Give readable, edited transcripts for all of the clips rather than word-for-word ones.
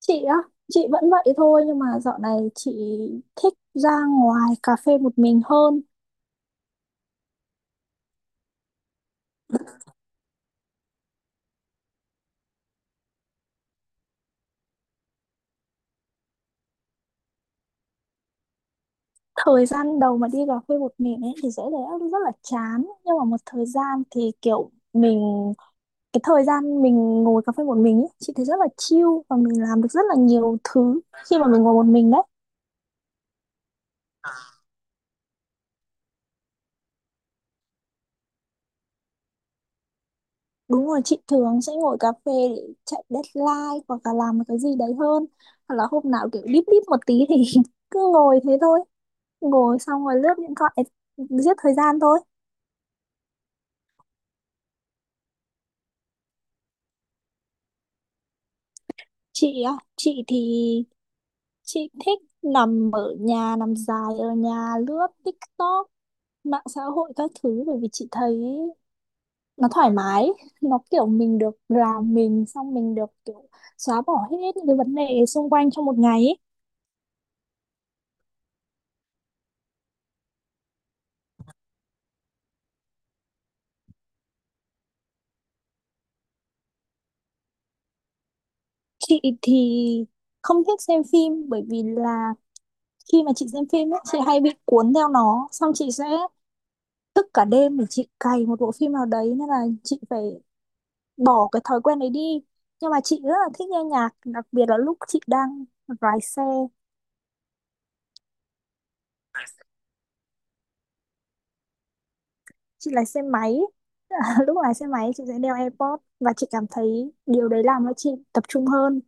Chị á, chị vẫn vậy thôi nhưng mà dạo này chị thích ra ngoài cà phê một mình hơn. Thời gian đầu mà đi cà phê một mình ấy thì sẽ thấy rất là chán, nhưng mà một thời gian thì kiểu mình, cái thời gian mình ngồi cà phê một mình ấy, chị thấy rất là chill và mình làm được rất là nhiều thứ khi mà mình ngồi một mình đấy. Đúng rồi, chị thường sẽ ngồi cà phê để chạy deadline hoặc là làm một cái gì đấy hơn. Hoặc là hôm nào kiểu deep deep một tí thì cứ ngồi thế thôi. Ngồi xong rồi lướt điện thoại, giết thời gian thôi. Chị á, chị thích nằm ở nhà, nằm dài ở nhà lướt TikTok, mạng xã hội các thứ bởi vì chị thấy nó thoải mái, nó kiểu mình được làm mình, xong mình được kiểu xóa bỏ hết những cái vấn đề xung quanh trong một ngày ấy. Chị thì không thích xem phim bởi vì là khi mà chị xem phim ấy, chị hay bị cuốn theo nó, xong chị sẽ thức cả đêm để chị cày một bộ phim nào đấy nên là chị phải bỏ cái thói quen đấy đi. Nhưng mà chị rất là thích nghe nhạc, đặc biệt là lúc chị đang lái xe. Chị lái xe máy. Lúc lái xe máy chị sẽ đeo AirPods và chị cảm thấy điều đấy làm cho chị tập trung hơn.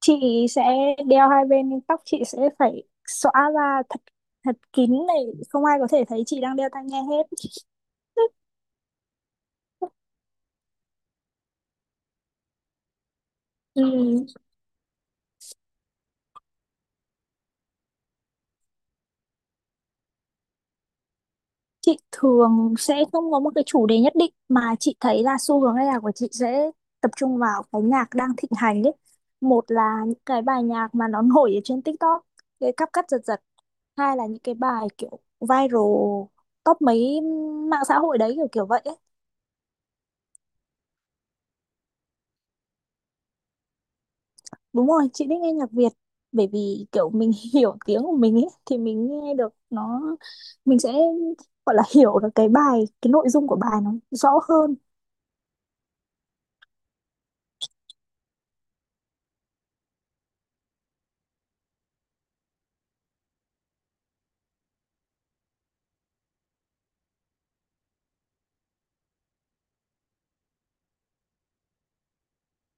Chị sẽ đeo hai bên nhưng tóc chị sẽ phải xõa ra thật thật kín này, không ai có thể thấy chị đang đeo tai nghe hết. Ừ. Chị thường sẽ không có một cái chủ đề nhất định mà chị thấy là xu hướng âm nhạc của chị sẽ tập trung vào cái nhạc đang thịnh hành ấy. Một là những cái bài nhạc mà nó nổi ở trên TikTok, cái cắp cắt giật giật. Hai là những cái bài kiểu viral top mấy mạng xã hội đấy, kiểu kiểu vậy ấy. Đúng rồi, chị thích nghe nhạc Việt bởi vì kiểu mình hiểu tiếng của mình ấy thì mình nghe được nó, mình sẽ gọi là hiểu được cái bài, cái nội dung của bài nó rõ hơn.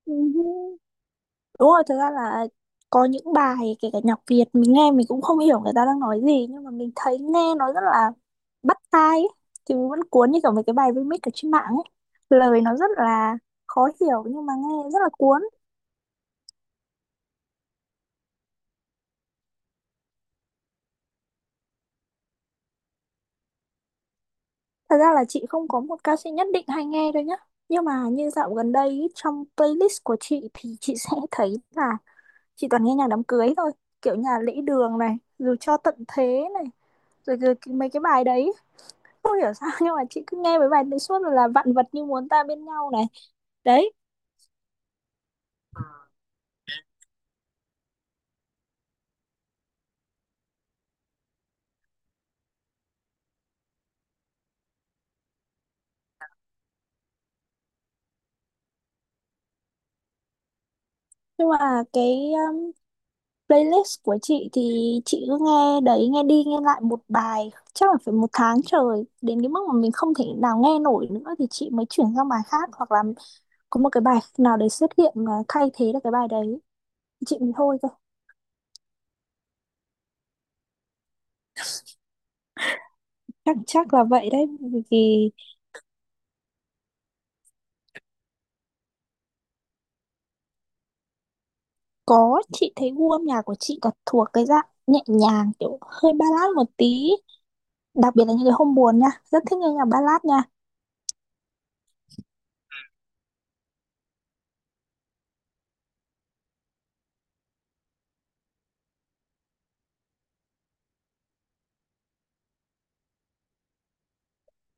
Ừ. Đúng rồi, thực ra là có những bài kể cả nhạc Việt mình nghe mình cũng không hiểu người ta đang nói gì nhưng mà mình thấy nghe nó rất là bắt tai ấy. Thì mình vẫn cuốn như kiểu mấy cái bài remix ở trên mạng ấy. Lời nó rất là khó hiểu nhưng mà nghe rất là cuốn. Thật ra là chị không có một ca sĩ nhất định hay nghe đâu nhá. Nhưng mà như dạo gần đây ý, trong playlist của chị thì chị sẽ thấy là chị toàn nghe nhạc đám cưới thôi. Kiểu nhà lễ đường này, rồi cho tận thế này, rồi, mấy cái bài đấy không hiểu sao nhưng mà chị cứ nghe mấy bài đấy suốt, rồi là vạn vật như muốn ta bên nhau này, đấy. Nhưng mà cái playlist của chị thì chị cứ nghe đấy, nghe đi nghe lại một bài chắc là phải một tháng trời, đến cái mức mà mình không thể nào nghe nổi nữa thì chị mới chuyển sang bài khác, hoặc là có một cái bài nào đấy xuất hiện mà thay thế được cái bài đấy chị mình thôi cơ. Chắc chắc là vậy đấy, vì vì có, chị thấy gu âm nhạc của chị có thuộc cái dạng nhẹ nhàng, kiểu hơi ballad một tí, đặc biệt là những cái hôm buồn nha, rất thích nghe nhạc ballad nha.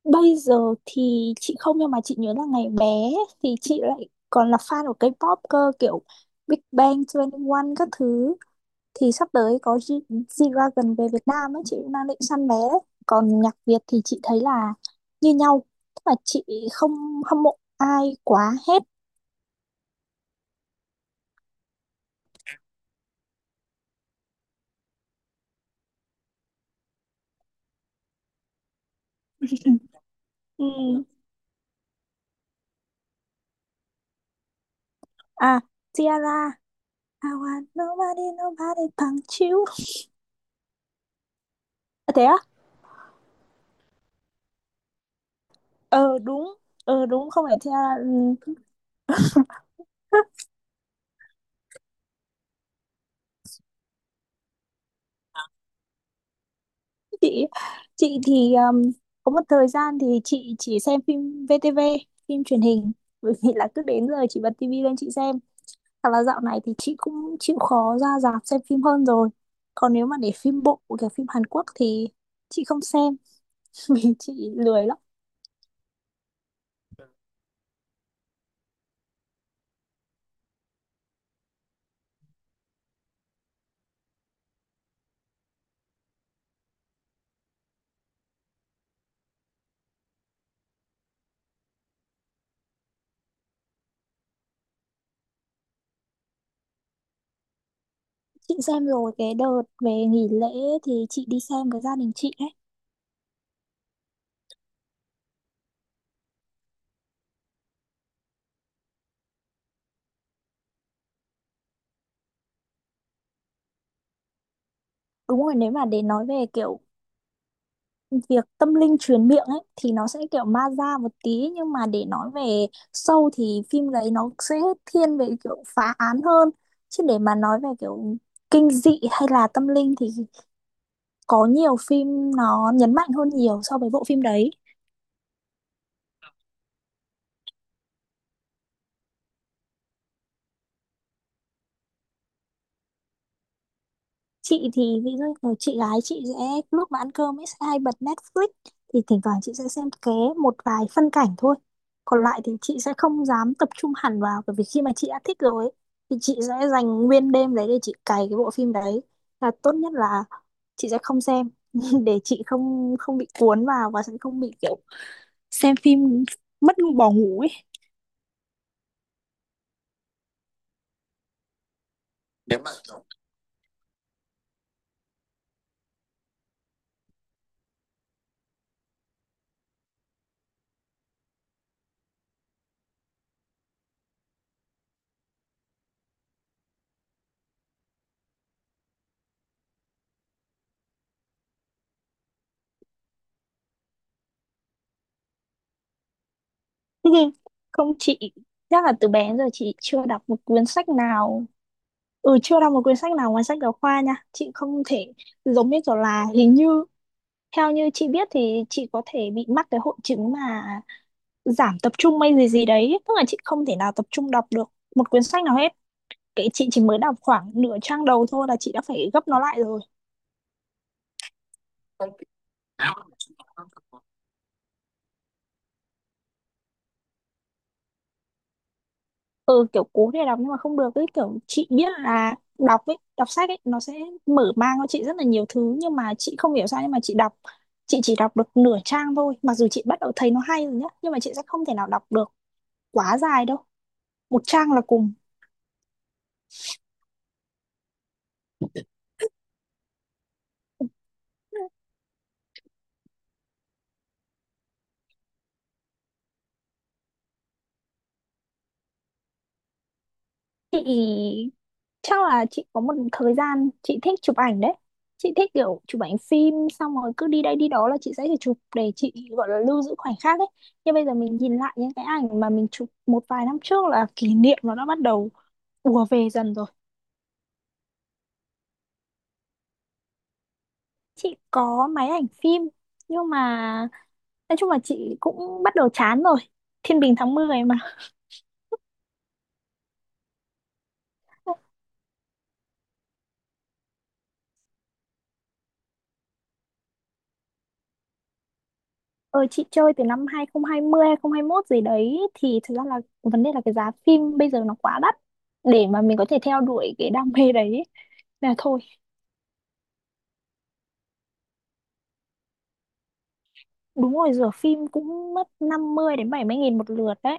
Bây giờ thì chị không, nhưng mà chị nhớ là ngày bé thì chị lại còn là fan của K-pop cơ, kiểu Big Bang 21 các thứ. Thì sắp tới có G-Dragon về Việt Nam ấy, chị cũng đang định săn vé đấy. Còn nhạc Việt thì chị thấy là như nhau, tức là chị không hâm mộ ai quá hết. Ừm, à. Ciara. I want nobody nobody bằng you. À, thế á. Ờ đúng. Ờ đúng, không phải Ciara. Ừ. chị chị thì có một thời gian thì chị chỉ xem phim VTV, phim truyền hình, bởi vì là cứ đến giờ chị bật tivi lên chị xem. Thật là dạo này thì chị cũng chịu khó ra rạp xem phim hơn rồi. Còn nếu mà để phim bộ, kiểu phim Hàn Quốc thì chị không xem, vì chị lười lắm. Chị xem rồi, cái đợt về nghỉ lễ thì chị đi xem với gia đình chị ấy. Đúng rồi, nếu mà để nói về kiểu việc tâm linh truyền miệng ấy thì nó sẽ kiểu ma da một tí, nhưng mà để nói về sâu thì phim đấy nó sẽ thiên về kiểu phá án hơn, chứ để mà nói về kiểu kinh dị hay là tâm linh thì có nhiều phim nó nhấn mạnh hơn nhiều so với bộ phim đấy. Chị thì ví dụ như chị gái chị sẽ, lúc mà ăn cơm ấy, sẽ hay bật Netflix thì thỉnh thoảng chị sẽ xem ké một vài phân cảnh thôi. Còn lại thì chị sẽ không dám tập trung hẳn vào bởi vì khi mà chị đã thích rồi ấy, thì chị sẽ dành nguyên đêm đấy để chị cày cái bộ phim đấy, là tốt nhất là chị sẽ không xem để chị không không bị cuốn vào và sẽ không bị kiểu xem phim mất bỏ ngủ ấy. Không chị, chắc là từ bé đến giờ chị chưa đọc một cuốn sách nào. Ừ, chưa đọc một quyển sách nào ngoài sách giáo khoa nha. Chị không thể, giống như kiểu là hình như, theo như chị biết thì chị có thể bị mắc cái hội chứng mà giảm tập trung hay gì gì đấy. Tức là chị không thể nào tập trung đọc được một quyển sách nào hết. Cái chị chỉ mới đọc khoảng nửa trang đầu thôi là chị đã phải gấp nó lại rồi. Ừ, kiểu cố để đọc nhưng mà không được. Cái kiểu chị biết là đọc ấy, đọc sách ấy, nó sẽ mở mang cho chị rất là nhiều thứ. Nhưng mà chị không hiểu sao nhưng mà chị đọc, chị chỉ đọc được nửa trang thôi, mặc dù chị bắt đầu thấy nó hay rồi nhá nhưng mà chị sẽ không thể nào đọc được quá dài đâu, một trang là cùng. Chị chắc là chị có một thời gian chị thích chụp ảnh đấy. Chị thích kiểu chụp ảnh phim, xong rồi cứ đi đây đi đó là chị sẽ phải chụp để chị gọi là lưu giữ khoảnh khắc ấy. Nhưng bây giờ mình nhìn lại những cái ảnh mà mình chụp một vài năm trước là kỷ niệm nó đã bắt đầu ùa về dần rồi. Chị có máy ảnh phim, nhưng mà nói chung là chị cũng bắt đầu chán rồi, thiên bình tháng 10 mà. Ờ, chị chơi từ năm 2020, 2021 gì đấy, thì thực ra là vấn đề là cái giá phim bây giờ nó quá đắt để mà mình có thể theo đuổi cái đam mê đấy ấy. Là thôi. Đúng rồi, rửa phim cũng mất 50 đến 70 nghìn một lượt đấy.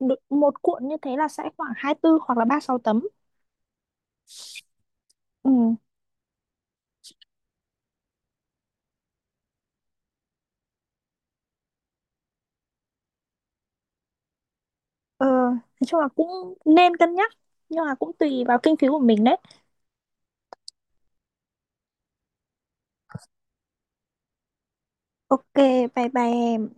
Một cuộn như thế là sẽ khoảng 24 hoặc là 36 tấm. Ừ. Ờ, nói chung là cũng nên cân nhắc nhưng mà cũng tùy vào kinh phí của mình đấy. Ok, bye bye em.